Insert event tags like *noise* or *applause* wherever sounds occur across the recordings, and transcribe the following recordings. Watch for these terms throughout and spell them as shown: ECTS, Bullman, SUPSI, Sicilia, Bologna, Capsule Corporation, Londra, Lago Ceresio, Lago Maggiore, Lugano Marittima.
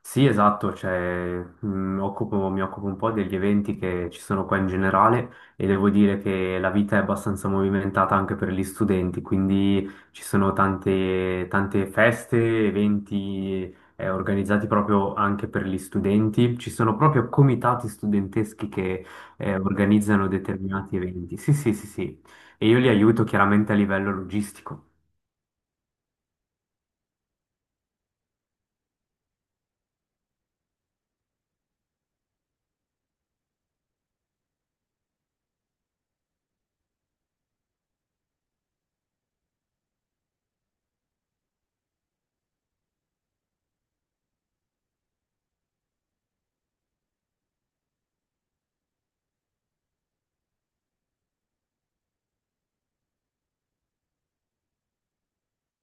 Sì, esatto, cioè, mi occupo un po' degli eventi che ci sono qua in generale e devo dire che la vita è abbastanza movimentata anche per gli studenti, quindi ci sono tante feste, eventi organizzati proprio anche per gli studenti, ci sono proprio comitati studenteschi che organizzano determinati eventi. Sì, sì, sì, sì, e io li aiuto chiaramente a livello logistico.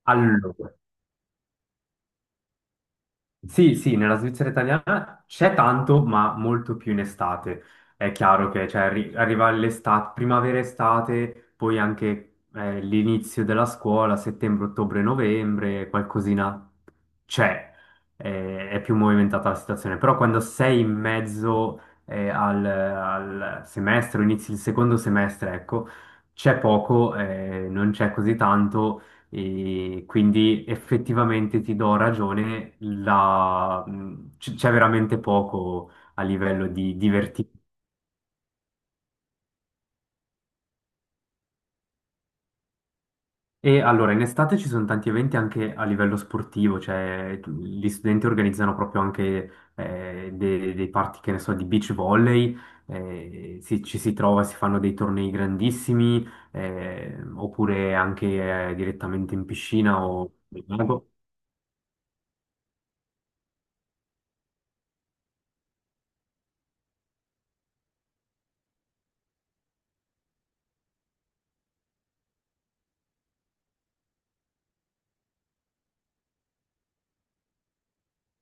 Allora. Sì, sì, nella Svizzera italiana c'è tanto, ma molto più in estate. È chiaro che cioè, arriva l'estate, primavera-estate, poi anche l'inizio della scuola, settembre, ottobre, novembre, qualcosina c'è, è più movimentata la situazione, però quando sei in mezzo al semestre, o inizi il secondo semestre, ecco, c'è poco, non c'è così tanto e quindi effettivamente ti do ragione, c'è veramente poco a livello di divertimento. E allora, in estate ci sono tanti eventi anche a livello sportivo, cioè gli studenti organizzano proprio anche dei party, che ne so, di beach volley, ci si trova, si fanno dei tornei grandissimi, oppure anche direttamente in piscina o nel lago.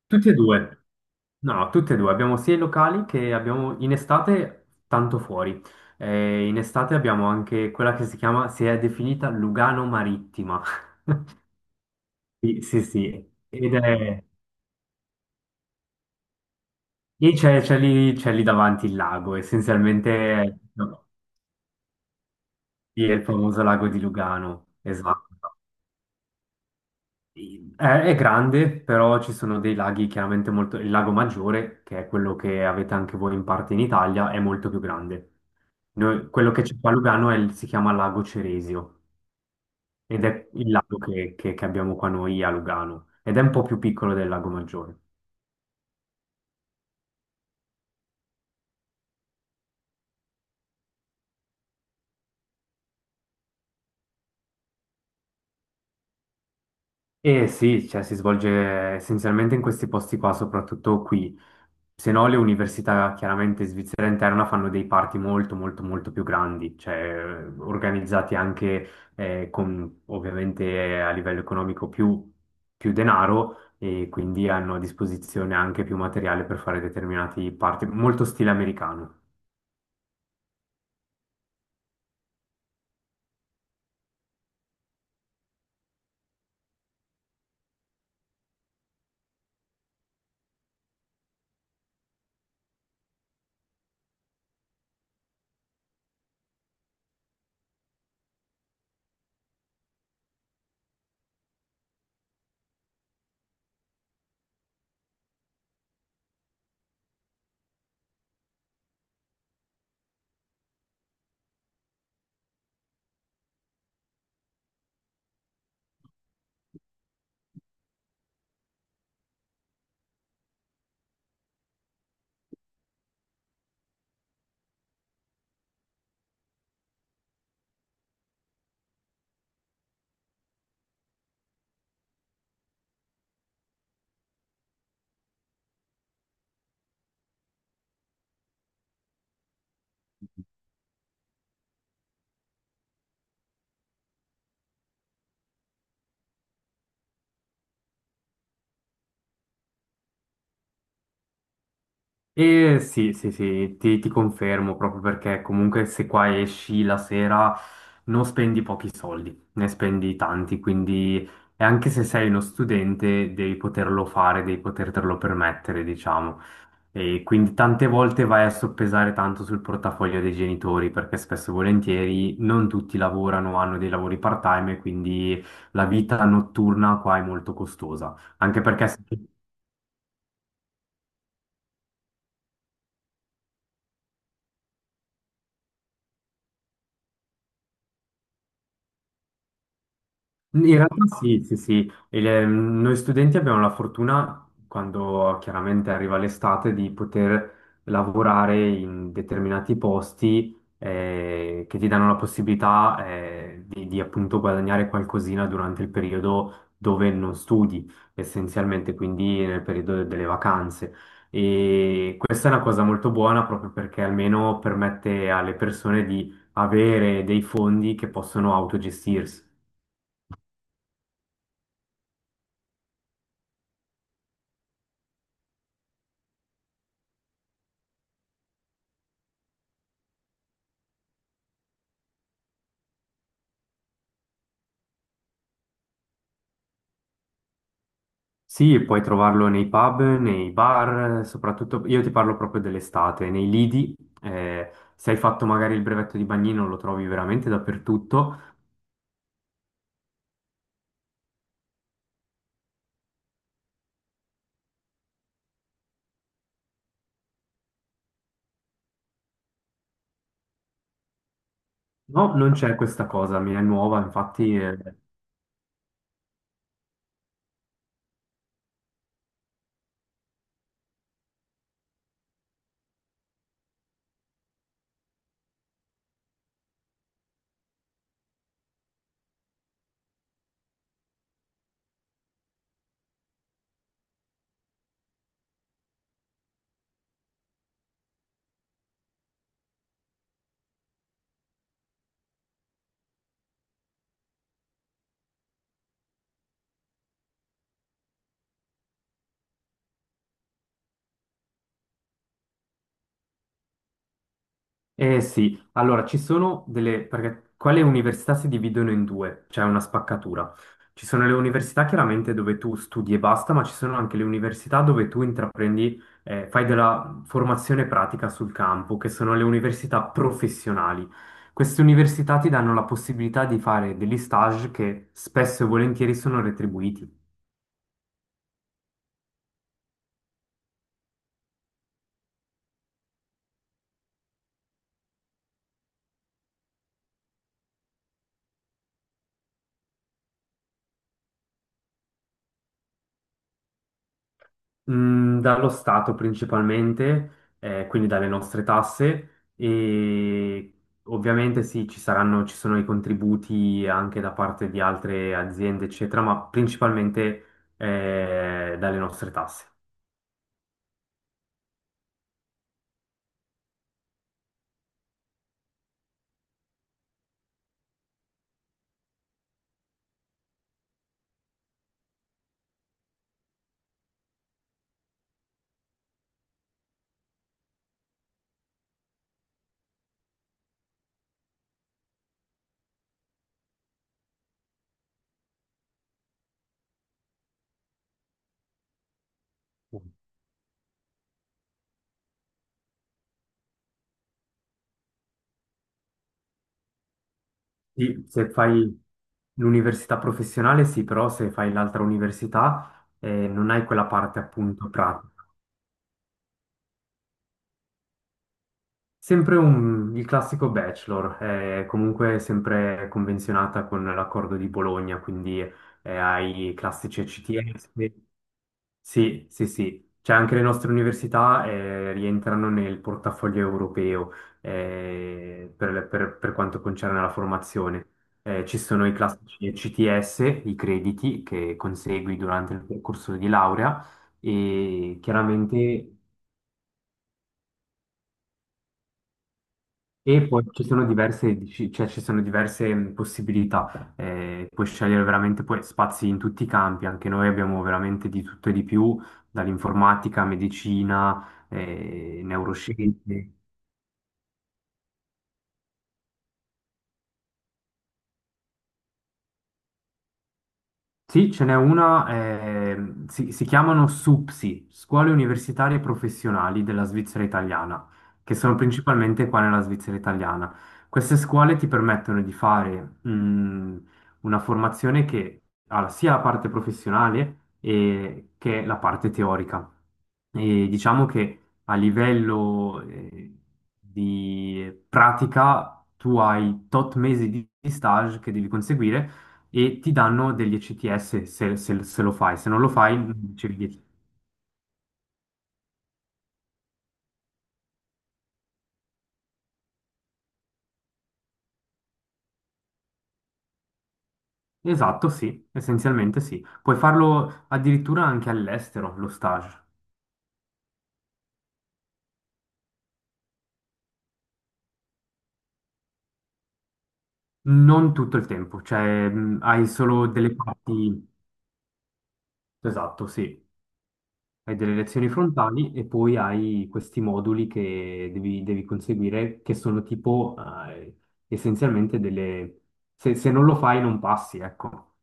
Tutti e due, no, no, tutti e due, abbiamo sia i locali che abbiamo in estate tanto fuori. In estate abbiamo anche quella che si è definita Lugano Marittima. *laughs* Sì, sì, sì. Ed è... E c'è lì davanti il lago, essenzialmente no, sì, è il famoso lago di Lugano, esatto. Sì. È grande, però ci sono dei laghi chiaramente molto... Il lago Maggiore, che è quello che avete anche voi in parte in Italia, è molto più grande. Quello che c'è qua a Lugano è si chiama Lago Ceresio ed è il lago che abbiamo qua noi a Lugano ed è un po' più piccolo del Lago Maggiore. Eh sì, cioè si svolge essenzialmente in questi posti qua, soprattutto qui. Se no, le università chiaramente svizzera interna fanno dei party molto, molto, molto più grandi, cioè organizzati anche con ovviamente a livello economico più denaro e quindi hanno a disposizione anche più materiale per fare determinati party, molto stile americano. E sì, sì, sì, ti confermo proprio perché comunque se qua esci la sera non spendi pochi soldi, ne spendi tanti, quindi e anche se sei uno studente devi poterlo fare, devi potertelo permettere, diciamo. E quindi tante volte vai a soppesare tanto sul portafoglio dei genitori perché spesso e volentieri non tutti lavorano, hanno dei lavori part-time e quindi la vita notturna qua è molto costosa, anche perché se in realtà sì, sì, sì. Noi studenti abbiamo la fortuna, quando chiaramente arriva l'estate, di poter lavorare in determinati posti che ti danno la possibilità di appunto guadagnare qualcosina durante il periodo dove non studi, essenzialmente, quindi nel periodo delle vacanze. E questa è una cosa molto buona proprio perché almeno permette alle persone di avere dei fondi che possono autogestirsi. Sì, puoi trovarlo nei pub, nei bar, soprattutto io ti parlo proprio dell'estate, nei lidi, se hai fatto magari il brevetto di bagnino lo trovi veramente dappertutto. No, non c'è questa cosa, mi è nuova, infatti eh. Eh sì, allora ci sono delle, perché qua le università si dividono in due, c'è una spaccatura. Ci sono le università chiaramente dove tu studi e basta, ma ci sono anche le università dove tu intraprendi, fai della formazione pratica sul campo, che sono le università professionali. Queste università ti danno la possibilità di fare degli stage che spesso e volentieri sono retribuiti. Mm, dallo Stato principalmente, quindi dalle nostre tasse e ovviamente sì, ci sono i contributi anche da parte di altre aziende, eccetera, ma principalmente dalle nostre tasse. Sì, se fai l'università professionale, sì, però se fai l'altra università non hai quella parte appunto pratica. Sempre il classico bachelor, è comunque sempre convenzionata con l'accordo di Bologna, quindi hai i classici ECTS. Sì, sì, sì. Cioè anche le nostre università rientrano nel portafoglio europeo per quanto concerne la formazione. Ci sono i classici ECTS, i crediti che consegui durante il percorso di laurea e chiaramente... E poi ci sono diverse, cioè ci sono diverse possibilità, puoi scegliere veramente poi spazi in tutti i campi, anche noi abbiamo veramente di tutto e di più, dall'informatica, medicina, neuroscienze. Sì, ce n'è una, si chiamano SUPSI, Scuole Universitarie Professionali della Svizzera Italiana, che sono principalmente qua nella Svizzera Italiana. Queste scuole ti permettono di fare, una formazione che ha sia la parte professionale che la parte teorica. E diciamo che a livello, di pratica tu hai tot mesi di stage che devi conseguire e ti danno degli ECTS se lo fai, se non lo fai non ricevi 10. Esatto, sì, essenzialmente sì. Puoi farlo addirittura anche all'estero, lo stage. Non tutto il tempo, cioè hai solo delle parti, esatto, sì. Hai delle lezioni frontali e poi hai questi moduli che devi conseguire, che sono tipo eh, essenzialmente delle... Se, se non lo fai non passi, ecco.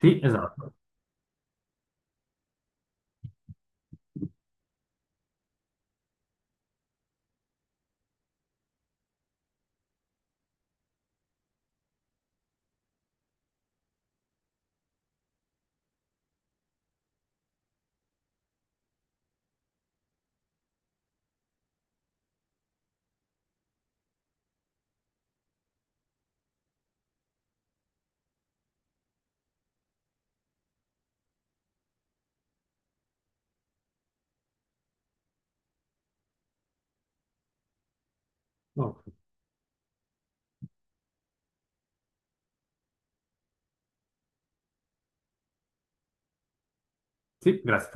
Sì, esatto. Oh, sì, grazie.